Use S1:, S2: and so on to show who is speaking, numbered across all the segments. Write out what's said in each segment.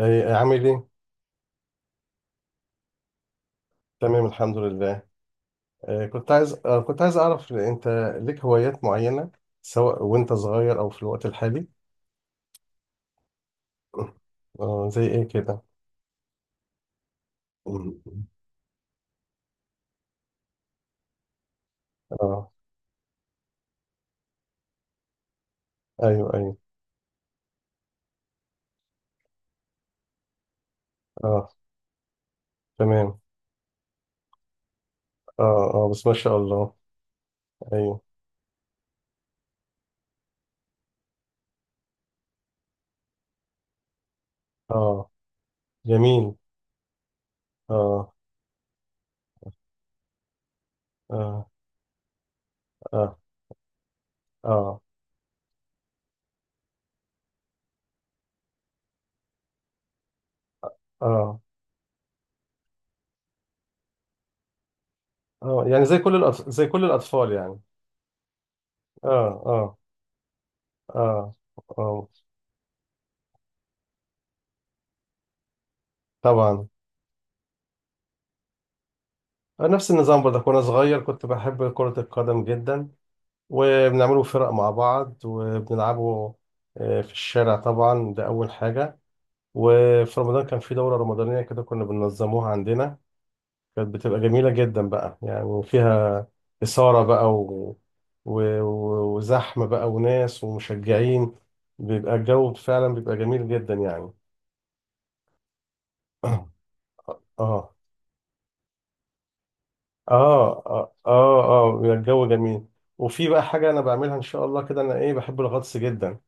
S1: إيه، عامل ايه؟ تمام الحمد لله. إيه، كنت عايز اعرف انت ليك هوايات معينة، سواء وانت صغير او في الوقت الحالي. اه، زي ايه كده؟ اه. ايوه ايوه. اه تمام. اه اه، بس ما شاء الله. ايوه. اه جميل. اه. اه. اه. اه. اه. اه، يعني زي كل الاطفال يعني. اه. اه. اه. اه طبعا. نفس النظام برضك، وانا صغير كنت بحب كرة القدم جدا، وبنعمله فرق مع بعض وبنلعبه. آه، في الشارع طبعا، ده أول حاجة. وفي رمضان كان في دورة رمضانية كده كنا بننظموها عندنا. كانت بتبقى جميلة جدا بقى، يعني فيها إثارة بقى وزحمة بقى وناس ومشجعين. بيبقى الجو فعلا بيبقى جميل جدا يعني. اه. اه. اه. اه. اه، بيبقى الجو جميل. وفي بقى حاجة أنا بعملها إن شاء الله كده، أنا إيه بحب الغطس جدا.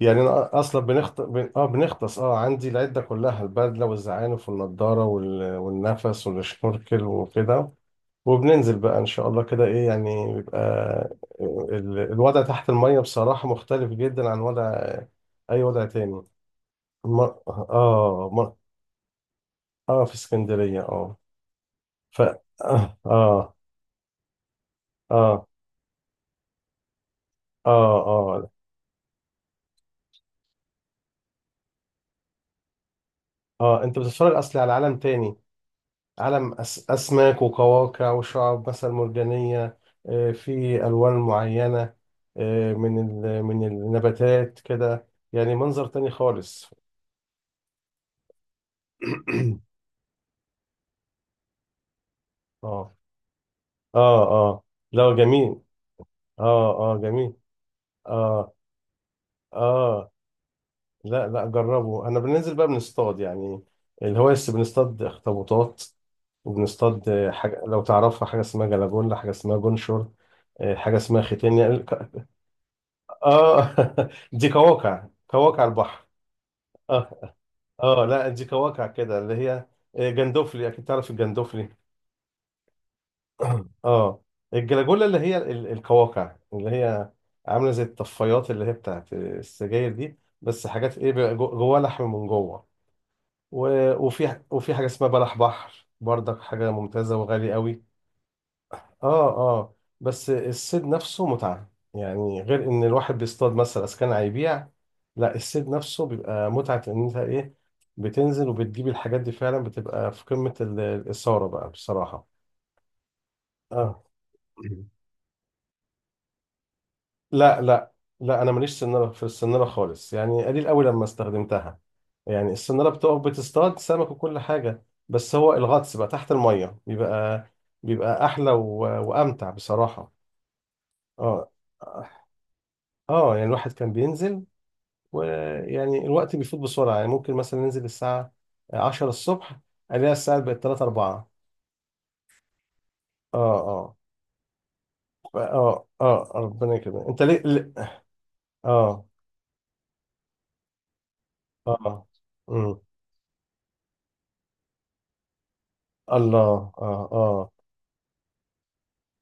S1: يعني انا اصلا بنخت... بن... اه بنغطس. اه، عندي العده كلها، البدله والزعانف والنضاره وال... والنفس والشنوركل وكده. وبننزل بقى ان شاء الله كده، ايه يعني بيبقى ال... الوضع تحت الميه بصراحه مختلف جدا عن وضع اي وضع تاني. مر... اه مر... اه، في اسكندريه اه. ف اه اه اه اه اه, آه. انت بتتفرج اصلي على عالم تاني، عالم أسماك وقواقع وشعاب مثلا مرجانية. آه، في ألوان معينة، آه، من ال- من النباتات كده، يعني منظر تاني خالص. اه. اه. اه، لا جميل. اه اه جميل. اه اه. لا لا جربه. انا بننزل بقى بنصطاد يعني الهواية، بس بنصطاد اخطبوطات، وبنصطاد آه، حاجة لو تعرفها. حاجة اسمها جلاجولا، حاجة اسمها جونشور، آه، حاجة اسمها ختان يعني. اه. دي كواكع، كواكع البحر. اه اه. لا دي كواكع كده، اللي هي آه، جندوفلي. اكيد تعرف الجندوفلي. اه. الجلاجولا، اللي هي ال- الكواكع اللي هي عامله زي الطفايات اللي هي بتاعت السجاير دي، بس حاجات ايه بقى جواها لحم من جوه. و وفي حاجه اسمها بلح بحر برضك، حاجه ممتازه وغالي قوي. اه اه، بس الصيد نفسه متعة يعني، غير ان الواحد بيصطاد مثلا اذا كان هيبيع. لا الصيد نفسه بيبقى متعة، ان انت ايه بتنزل وبتجيب الحاجات دي، فعلا بتبقى في قمة ال- الإثارة بقى بصراحة. اه. لا لا. لا انا ماليش سنارة، في السنارة خالص يعني قليل قوي لما استخدمتها، يعني السنارة بتقف بتصطاد سمك وكل حاجة. بس هو الغطس بقى تحت المية بيبقى، بيبقى احلى و... وامتع بصراحة. اه اه. يعني الواحد كان بينزل، ويعني الوقت بيفوت بسرعة يعني، ممكن مثلا ننزل الساعة 10 الصبح، الاقيها الساعة بقت 3 4. اه. اه. ربنا يكرمك. اه. اه. امم. الله. اه اه.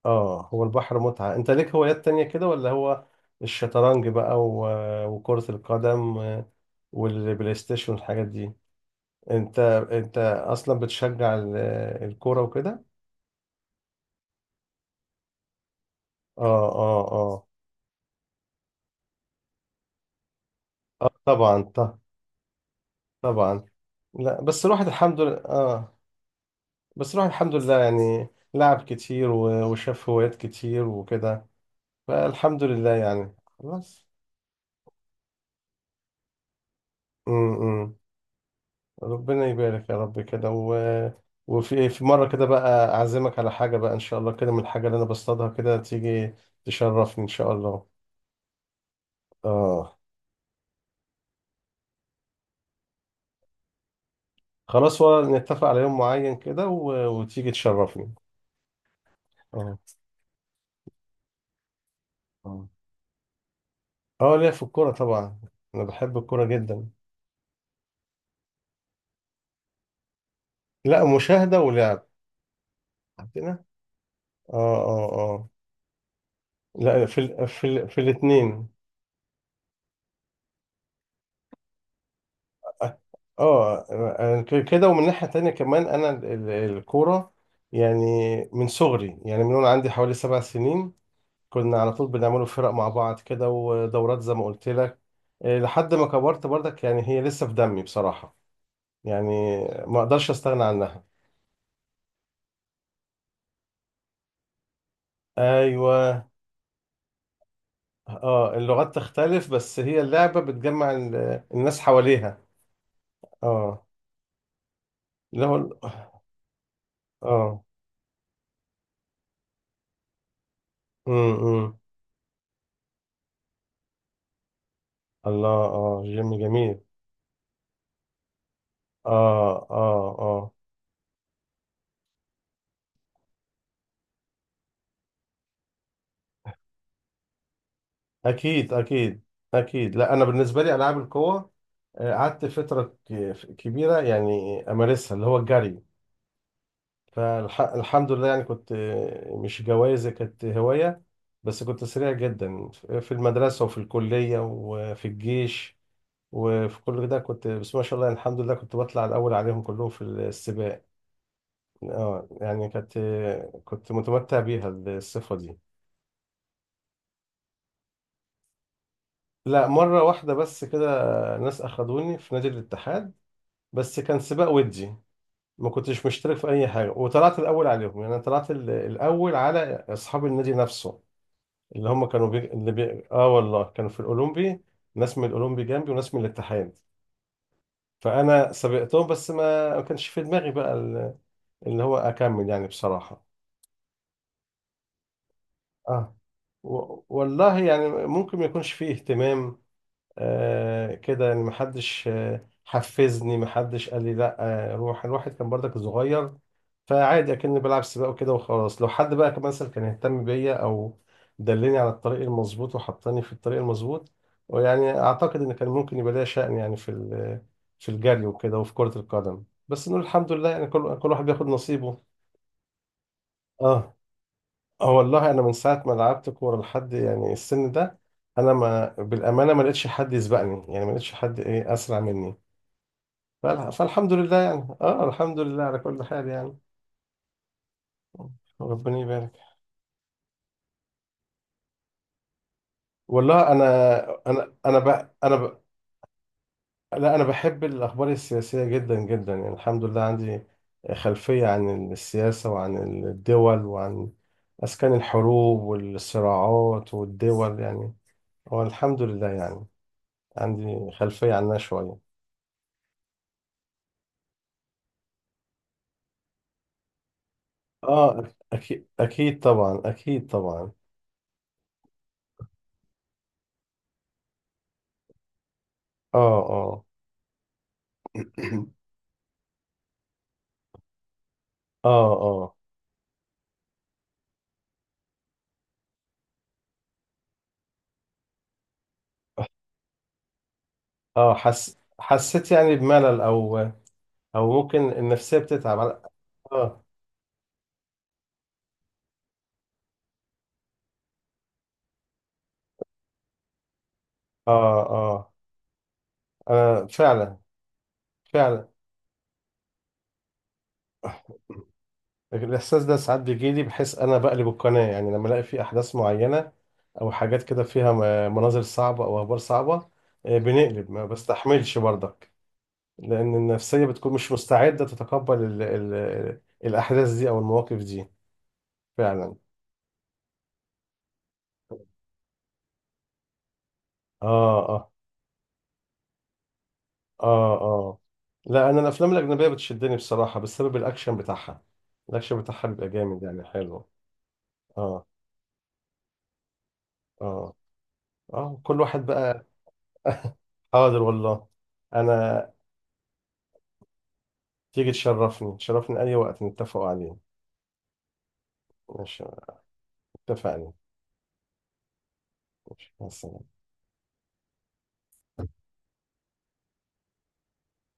S1: اه هو البحر متعة. انت ليك هوايات تانية كده، ولا هو الشطرنج بقى و- وكرة القدم والبلاي ستيشن والحاجات دي؟ انت انت اصلا بتشجع ال- الكورة وكده؟ اه اه اه. اه طبعا. طبعا. لا بس الواحد الحمد لله اه. بس الواحد الحمد لله يعني لعب كتير و- وشاف هوايات كتير وكده. فالحمد لله يعني خلاص. امم. ربنا يبارك يا رب كده. و... وفي في مرة كده بقى أعزمك على حاجة بقى إن شاء الله كده، من الحاجة اللي أنا بصطادها كده. تيجي تشرفني إن شاء الله. آه. خلاص، ولا نتفق على يوم معين كده و... وتيجي تشرفني. آه. آه. آه، ليا في الكورة طبعا. أنا بحب الكورة جدا. لا، مشاهدة ولعب عندنا. اه اه اه. لا في ال... في ال... في الاثنين. اه. آه، كده. ومن ناحية تانية كمان، انا الكورة يعني من صغري، يعني من وانا عندي حوالي 7 سنين كنا على طول بنعملوا فرق مع بعض كده، ودورات زي ما قلت لك. آه، لحد ما كبرت برضك، يعني هي لسه في دمي بصراحة يعني، ما اقدرش استغنى عنها. ايوه. اه، اللغات تختلف، بس هي اللعبة بتجمع ال- الناس حواليها. اه. اللي هو اه. امم. الله. اه جيم جميل. اه اه اه. اكيد اكيد. اكيد. لا انا بالنسبه لي العاب القوه. آه، قعدت فتره كبيره يعني امارسها، اللي هو الجري. فالحمد لله يعني كنت، آه، مش جوايزي كانت هوايه. بس كنت سريع جدا في المدرسه وفي الكليه وفي الجيش وفي كل ده. كنت بس ما شاء الله يعني الحمد لله كنت بطلع الاول عليهم كلهم في السباق. اه يعني كانت، آه، كنت متمتع بيها الصفه دي. لا، مرة واحدة بس كده. ناس أخدوني في نادي الاتحاد. بس كان سباق ودي، ما كنتش مشترك في أي حاجة، وطلعت الأول عليهم. يعني أنا طلعت ال- الأول على أصحاب النادي نفسه، اللي هم كانوا بي... اللي بي... آه والله كانوا في الأولمبي. ناس من الأولمبي جنبي وناس من الاتحاد. فأنا سبقتهم، بس ما كانش في دماغي بقى ال- اللي هو أكمل يعني بصراحة. آه. و... والله يعني ممكن ما يكونش فيه اهتمام. آه كده يعني، محدش آه حفزني، محدش قال لي لا. آه، روح الواحد كان برضك صغير، فعادي اكني بلعب سباق وكده وخلاص. لو حد بقى كان مثلا كان يهتم بيا، او دلني على الطريق المظبوط وحطني في الطريق المظبوط، ويعني اعتقد ان كان ممكن يبقى ليا شأن يعني في ال- في الجري وكده وفي كرة القدم. بس نقول الحمد لله يعني، كل واحد بياخد نصيبه. اه اه. والله انا من ساعة ما لعبت كورة لحد يعني السن ده، انا ما بالامانه ما لقيتش حد يسبقني، يعني ما لقيتش حد ايه اسرع مني. فالحمد لله يعني. اه، الحمد لله على كل حال يعني. ربنا يبارك. والله انا لا انا بحب الاخبار السياسيه جدا جدا يعني. الحمد لله عندي خلفيه عن السياسه وعن الدول وعن اسكان الحروب والصراعات والدول يعني. هو الحمد لله يعني عندي خلفيه عنها شويه. اه اكيد اكيد طبعا اكيد طبعا. اه اه. اه اه. حس حسيت يعني بملل، او او ممكن النفسيه بتتعب على... اه اه اه. انا فعلا. فعلا الاحساس ده ساعات بيجيلي، بحس انا بقلب القناه يعني، لما الاقي في احداث معينه او حاجات كده فيها مناظر صعبه او اخبار صعبه. آه، بنقلب، ما بستحملش برضك، لان النفسيه بتكون مش مستعده تتقبل ال ال الاحداث دي او المواقف دي. فعلا. اه اه اه. اه، لا انا الافلام الاجنبيه بتشدني بصراحه بسبب الاكشن بتاعها. الاكشن بتاعها بيبقى جامد يعني حلو. اه اه. اه كل واحد بقى. حاضر والله. انا. تيجي تشرفني، تشرفني اي وقت نتفقوا عليه. ماشي اتفقنا. ماشي مع السلامة.